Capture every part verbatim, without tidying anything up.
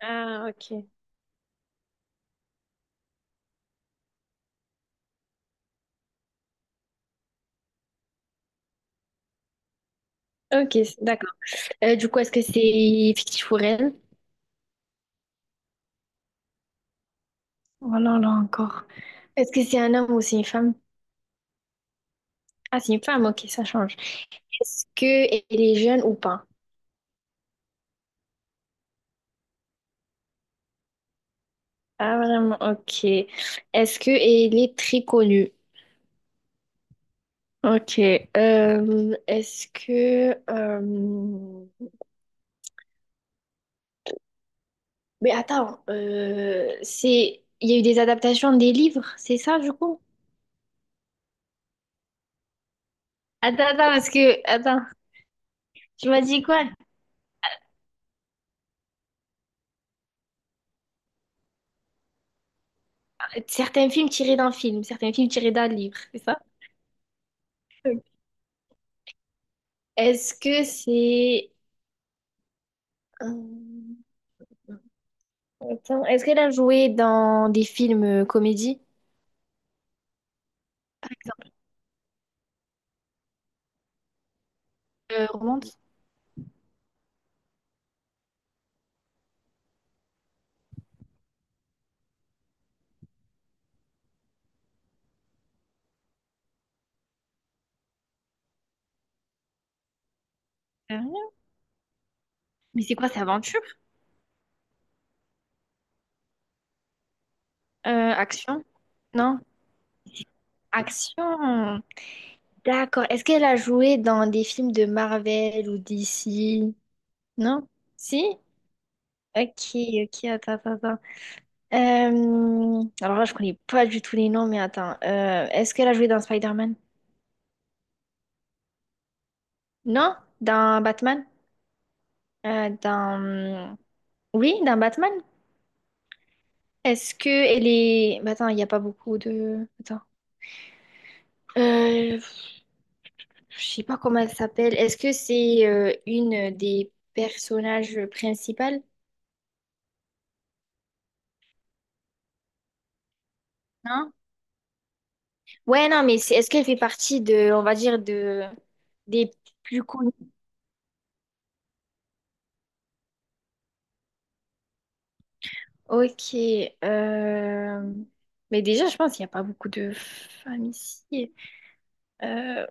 Ah, ok. Ok, c- d'accord. Euh, du coup, est-ce que c'est fictif ou réel? Oh là là, encore. Est-ce que c'est un homme ou c'est une femme? Ah, c'est une femme, ok, ça change. Est-ce que elle est jeune ou pas? Ah, vraiment, ok. Est-ce que elle est très connue? Ok. Euh, est-ce que... euh, Mais attends, euh, c'est... Il y a eu des adaptations des livres, c'est ça, du coup? Attends, attends, parce que... Attends, tu m'as dit quoi? Certains films tirés d'un film, certains films tirés d'un livre, c'est ça? Ok. Est-ce que c'est... euh, attends, est-ce qu'elle a joué dans des films euh, comédies, par exemple, euh, romances? Euh, Mais c'est quoi, c'est aventure? Euh, action? Non? Action! D'accord. Est-ce qu'elle a joué dans des films de Marvel ou D C? Non? Si? Ok, ok, attends, attends, attends. Euh, alors là, je connais pas du tout les noms, mais attends. Euh, est-ce qu'elle a joué dans Spider-Man? Non, dans Batman. Euh, dans... Oui, dans Batman. Est-ce que elle est... bah, attends, il n'y a pas beaucoup de... Attends. Euh, je sais pas comment elle s'appelle. Est-ce que c'est euh, une des personnages principales? Non? Ouais, non, mais c'est... est-ce qu'elle fait partie de, on va dire, de... des plus connus? Ok. euh, Mais déjà, je pense qu'il n'y a pas beaucoup de femmes ici. Euh,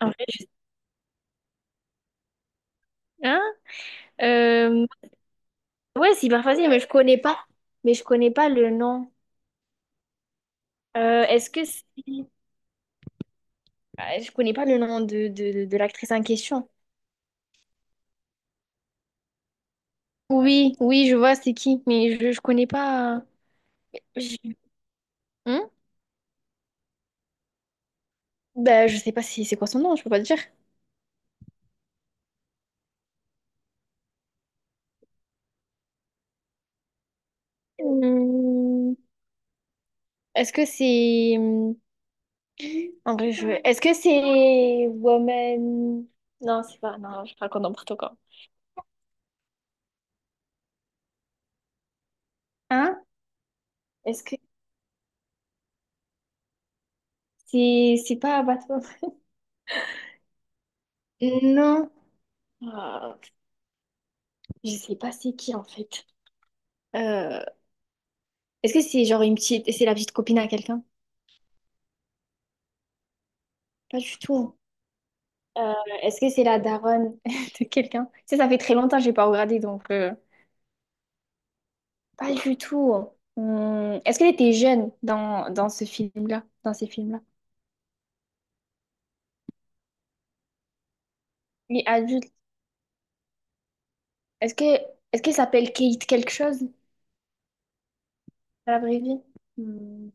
En vrai, je... Hein? Euh, ouais, c'est hyper facile, mais je connais pas. Mais je connais pas le nom. Euh, est-ce que c'est... Ah, je connais pas le nom de, de, de l'actrice en question. Oui, oui, je vois c'est qui, mais je, je connais pas. Euh, je... Hein. Bah, je sais pas si c'est quoi son nom, je peux pas te dire. Hmm, est-ce que c'est... En vrai, je... Est-ce que c'est... Woman... Non, c'est pas... Non, je raconte n'importe quoi. Hein? Est-ce que c'est... C'est pas Batwoman? Non. Ah, je sais pas c'est qui, en fait. Euh, Est-ce que c'est genre une petite, c'est la petite copine à quelqu'un? Pas du tout. Euh, Est-ce que c'est la daronne de quelqu'un? Tu sais, ça fait très longtemps que j'ai pas regardé, donc euh, pas du tout. Hum, Est-ce qu'elle était jeune dans, dans ce film-là, dans ces films-là? Oui, adulte. Est-ce que Est-ce qu'elle s'appelle Kate quelque chose dans la vraie vie? Hum,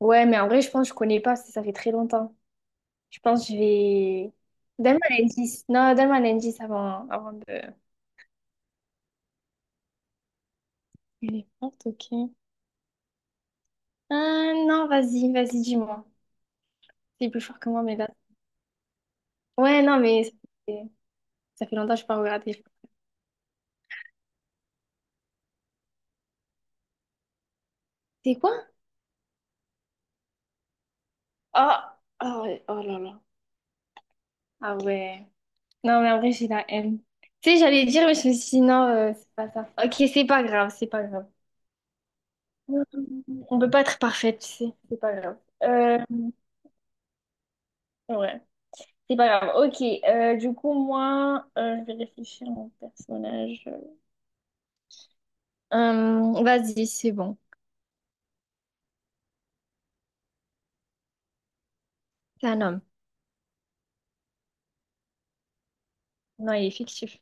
Ouais, mais en vrai, je pense que je connais pas, parce que ça fait très longtemps. Je pense que je vais. Donne-moi un indice. Non, donne-moi un indice avant, avant de. Elle est forte, ok. Ah, non, vas-y, vas-y, dis-moi. C'est plus fort que moi, mais là. Ouais, non, mais ça fait, ça fait longtemps que je n'ai pas regardé. C'est quoi? Oh, oh, oh là là. Ah ouais. Non, mais en vrai, j'ai la haine. Tu sais, j'allais dire, mais je me suis dit, non, euh, c'est pas ça. Ok, c'est pas grave, c'est pas grave. On peut pas être parfaite, tu sais. C'est pas grave. Euh, ouais, c'est pas grave. Ok, euh, du coup, moi, euh, je vais réfléchir à mon personnage. Euh, vas-y, c'est bon. C'est un homme. Non, il est fictif.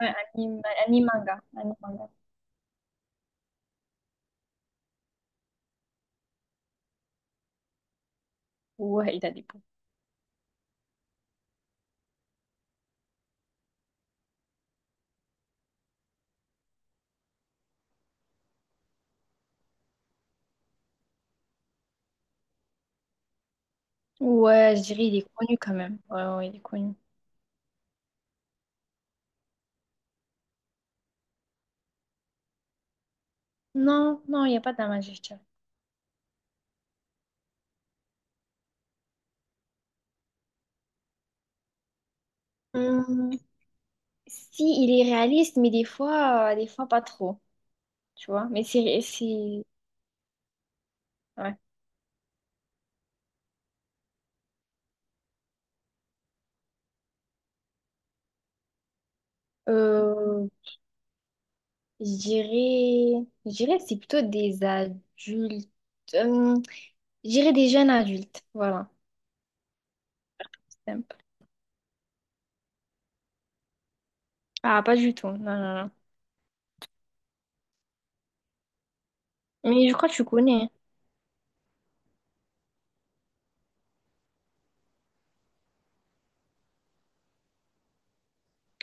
Ouais, anime, anime manga. Anime manga. Ouais, il a des pouvoirs. Ouais, je dirais il est connu quand même. Ouais, ouais, il est connu. Non, non, il n'y a pas d'Amajectia. Hum, si, il est réaliste, mais des fois, euh, des fois pas trop, tu vois. Mais c'est, c'est, ouais. Euh, je dirais, je dirais que c'est plutôt des adultes. Hum, je dirais des jeunes adultes, voilà. Simple. Ah, pas du tout, non, non, non. Mais je crois que tu connais, hein.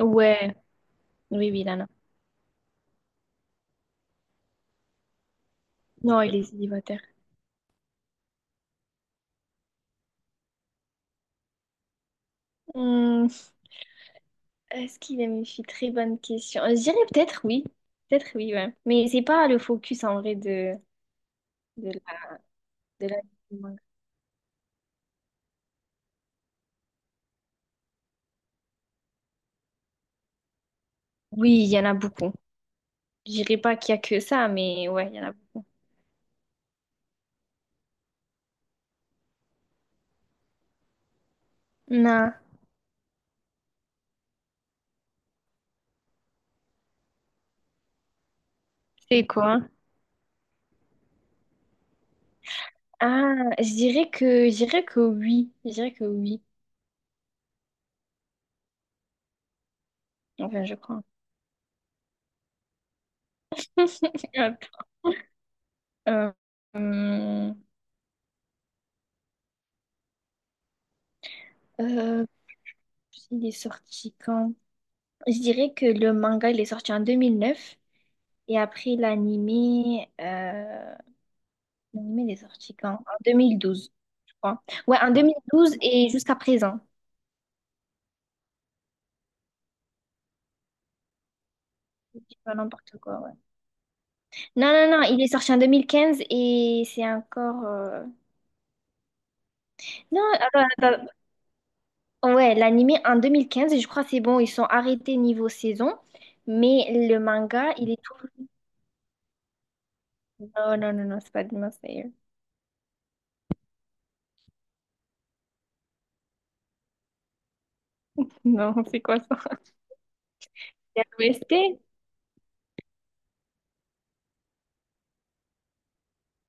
Ouais, oui, oui, Lana. Non, il est célibataire. Hum, Est-ce qu'il aime une fille? Très bonne question. Je dirais peut-être oui. Peut-être oui, ouais. Mais c'est pas le focus en vrai de, de la, de la- du manga. Oui, il y en a beaucoup. Je dirais pas qu'il y a que ça, mais ouais, il y en a beaucoup. Non. C'est quoi? Ah, je dirais que, je dirais que oui. Je dirais que oui. Enfin, je crois. Hop. Euh, euh, euh, il est sorti quand? Je dirais que le manga, il est sorti en deux mille neuf. Et après, l'animé euh, l'anime, il est sorti quand? En deux mille douze, je crois. Ouais, en deux mille douze et jusqu'à présent. Je dis pas n'importe quoi, ouais. Non, non, non, il est sorti en deux mille quinze et c'est encore... euh, non, attends, attends. Ouais, l'anime en deux mille quinze et je crois que c'est bon, ils sont arrêtés niveau saison. Mais le manga, il est tout... Non, non, non, non, c'est pas Demon Slayer. Non, c'est quoi ça? C'est un O S T?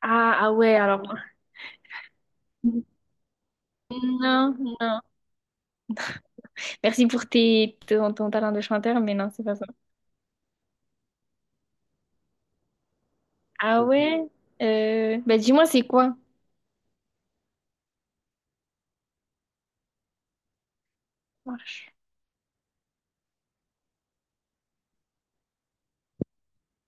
Ah, ah ouais, alors... Non, non. Merci pour tes, ton, ton talent de chanteur, mais non, c'est pas ça. Ah ouais? Euh, bah dis-moi, c'est quoi?